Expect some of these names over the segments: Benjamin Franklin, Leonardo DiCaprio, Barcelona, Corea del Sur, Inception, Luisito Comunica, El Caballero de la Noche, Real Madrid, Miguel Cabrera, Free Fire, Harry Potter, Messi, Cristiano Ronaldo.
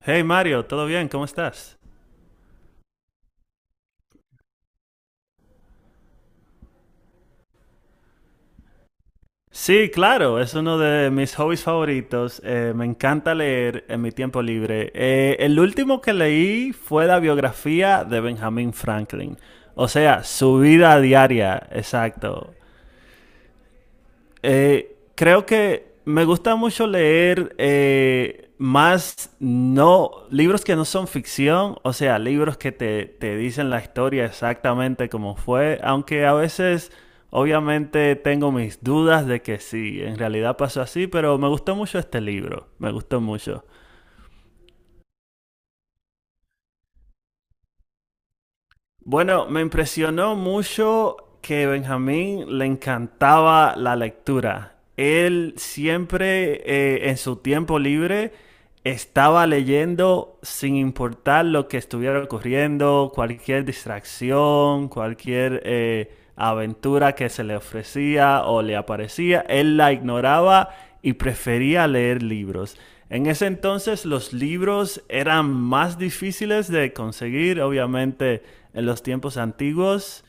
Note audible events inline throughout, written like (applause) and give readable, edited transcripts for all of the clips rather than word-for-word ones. Hey Mario, ¿todo bien? ¿Cómo estás? Sí, claro, es uno de mis hobbies favoritos. Me encanta leer en mi tiempo libre. El último que leí fue la biografía de Benjamin Franklin. O sea, su vida diaria, exacto. Creo que me gusta mucho leer más no libros que no son ficción, o sea, libros que te dicen la historia exactamente como fue, aunque a veces obviamente tengo mis dudas de que sí, en realidad pasó así, pero me gustó mucho este libro, me gustó mucho. Bueno, me impresionó mucho que Benjamín le encantaba la lectura. Él siempre en su tiempo libre estaba leyendo sin importar lo que estuviera ocurriendo, cualquier distracción, cualquier aventura que se le ofrecía o le aparecía, él la ignoraba y prefería leer libros. En ese entonces los libros eran más difíciles de conseguir, obviamente en los tiempos antiguos,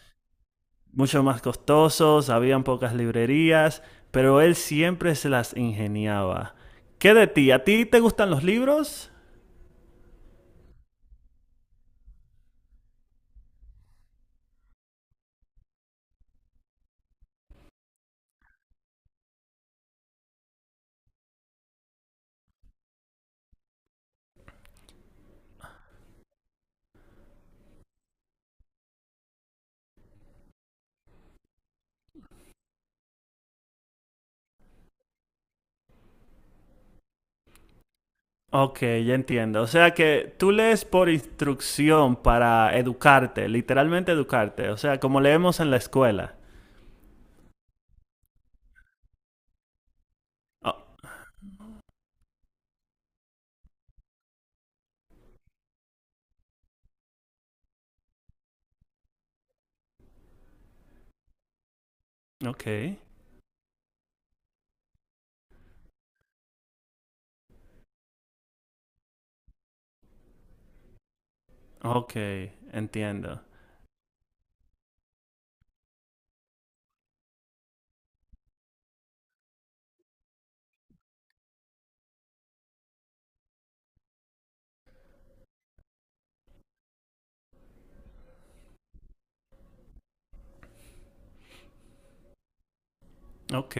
mucho más costosos, habían pocas librerías, pero él siempre se las ingeniaba. ¿Qué de ti? ¿A ti te gustan los libros? Ok, ya entiendo. O sea que tú lees por instrucción para educarte, literalmente educarte. O sea, como leemos en la escuela. Oh, ok, ok, entiendo. Ok.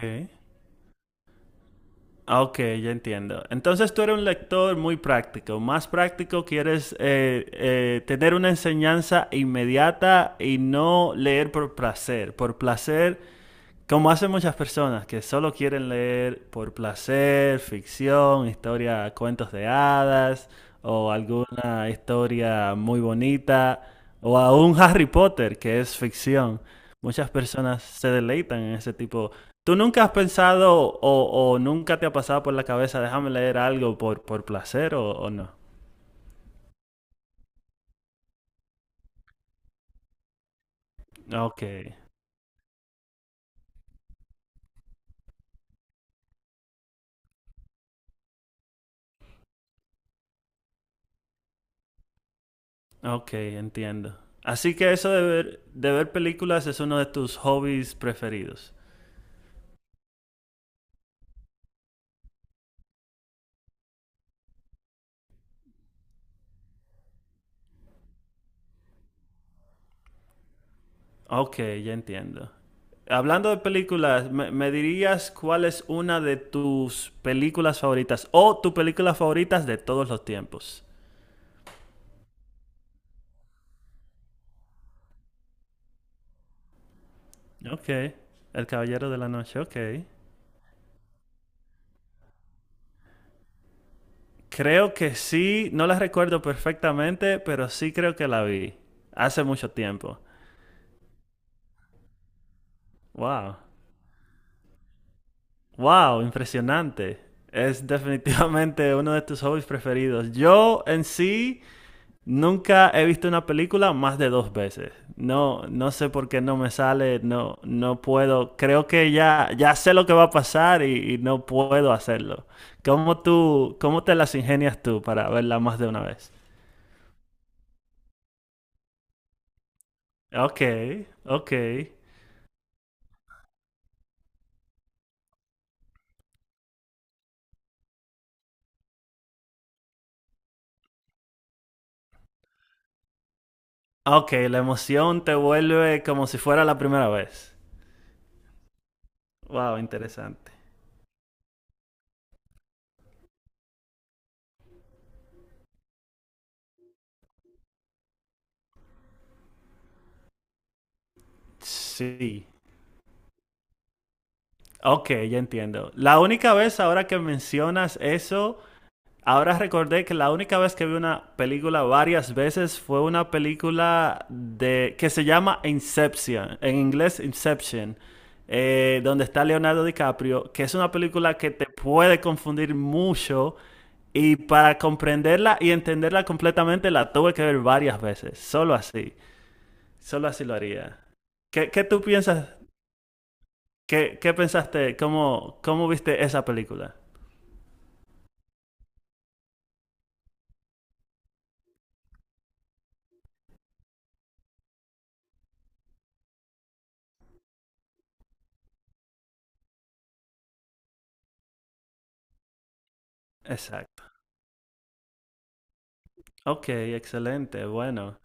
Ah, ok, ya entiendo. Entonces tú eres un lector muy práctico, más práctico, quieres tener una enseñanza inmediata y no leer por placer. Por placer como hacen muchas personas que solo quieren leer por placer, ficción, historia, cuentos de hadas o alguna historia muy bonita o aún Harry Potter que es ficción. Muchas personas se deleitan en ese tipo. ¿Tú nunca has pensado o nunca te ha pasado por la cabeza, déjame leer algo por placer o no? Ok, ok, entiendo. Así que eso de ver películas es uno de tus hobbies preferidos. Ok, ya entiendo. Hablando de películas, ¿me dirías cuál es una de tus películas favoritas o tu película favoritas de todos los tiempos? Ok, El Caballero de la Noche, ok. Creo que sí, no la recuerdo perfectamente, pero sí creo que la vi hace mucho tiempo. Wow, wow, impresionante. Es definitivamente uno de tus hobbies preferidos. Yo en sí... Nunca he visto una película más de dos veces. No, no sé por qué no me sale, no, no puedo. Creo que ya sé lo que va a pasar y no puedo hacerlo. ¿Cómo te las ingenias tú para verla más de una vez? Ok, ok. Ok, la emoción te vuelve como si fuera la primera vez. Wow, interesante. Sí. Ok, ya entiendo. La única vez ahora que mencionas eso. Ahora recordé que la única vez que vi una película varias veces fue una película de que se llama Inception, en inglés Inception, donde está Leonardo DiCaprio, que es una película que te puede confundir mucho y para comprenderla y entenderla completamente la tuve que ver varias veces, solo así lo haría. ¿Qué tú piensas? ¿Qué pensaste? ¿Cómo viste esa película? Exacto. Ok, excelente, bueno.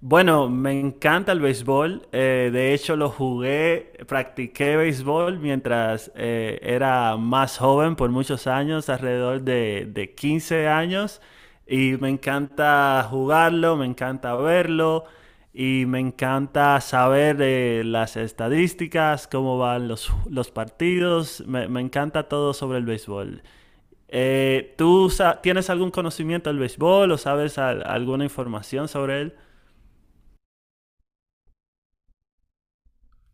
Bueno, me encanta el béisbol. De hecho, lo jugué, practiqué béisbol mientras era más joven por muchos años, alrededor de 15 años. Y me encanta jugarlo, me encanta verlo y me encanta saber las estadísticas, cómo van los partidos. Me encanta todo sobre el béisbol. ¿Tú tienes algún conocimiento del béisbol o sabes alguna información sobre él?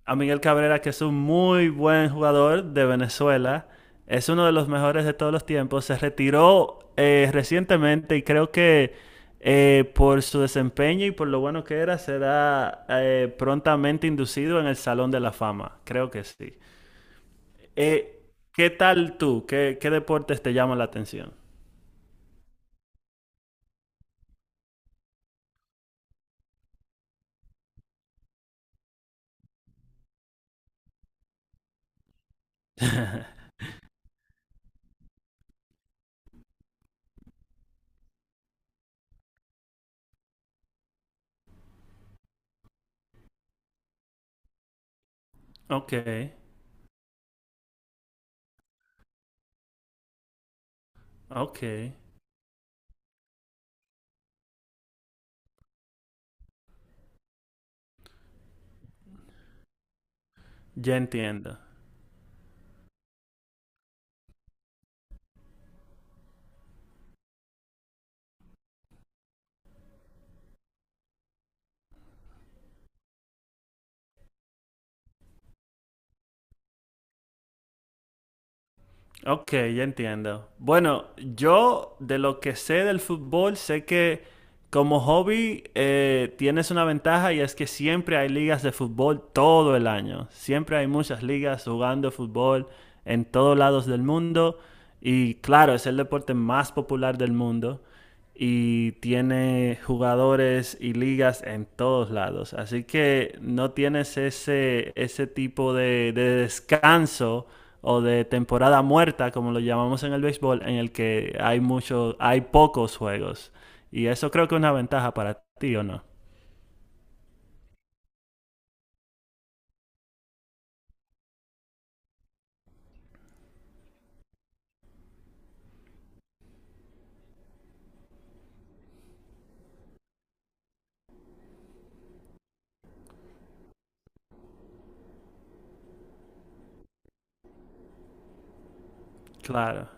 A Miguel Cabrera, que es un muy buen jugador de Venezuela, es uno de los mejores de todos los tiempos, se retiró recientemente y creo que por su desempeño y por lo bueno que era, será prontamente inducido en el Salón de la Fama, creo que sí. Eh, ¿Qué tal tú? ¿Qué deportes te llaman la atención? (laughs) Ok, ok, ya entiendo. Ok, ya entiendo. Bueno, yo de lo que sé del fútbol, sé que como hobby tienes una ventaja y es que siempre hay ligas de fútbol todo el año. Siempre hay muchas ligas jugando fútbol en todos lados del mundo. Y claro, es el deporte más popular del mundo y tiene jugadores y ligas en todos lados. Así que no tienes ese tipo de descanso o de temporada muerta, como lo llamamos en el béisbol, en el que hay muchos, hay pocos juegos. Y eso creo que es una ventaja para ti, ¿o no? Claro.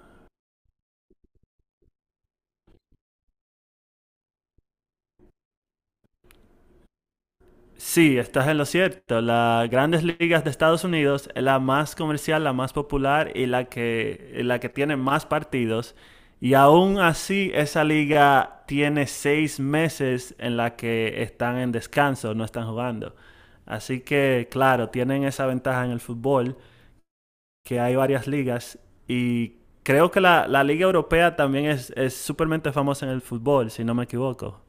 Sí, estás en lo cierto. Las grandes ligas de Estados Unidos es la más comercial, la más popular y la que tiene más partidos. Y aún así, esa liga tiene 6 meses en la que están en descanso, no están jugando. Así que, claro, tienen esa ventaja en el fútbol, que hay varias ligas. Y creo que la liga europea también es súpermente famosa en el fútbol, si no me equivoco.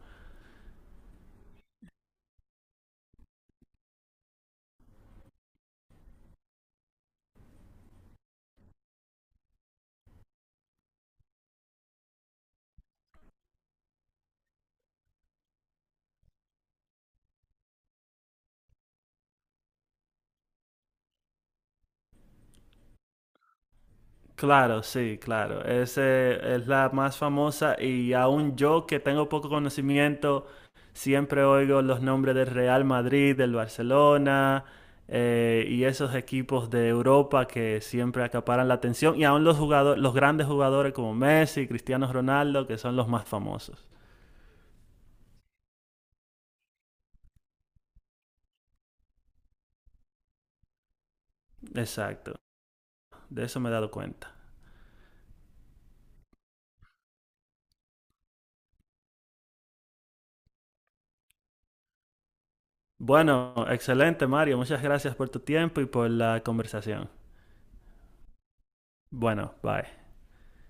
Claro, sí, claro. Ese es la más famosa y aún yo que tengo poco conocimiento, siempre oigo los nombres del Real Madrid, del Barcelona y esos equipos de Europa que siempre acaparan la atención y aún los jugadores, los grandes jugadores como Messi, Cristiano Ronaldo, que son los más famosos. Exacto, de eso me he dado cuenta. Bueno, excelente Mario, muchas gracias por tu tiempo y por la conversación. Bueno, bye.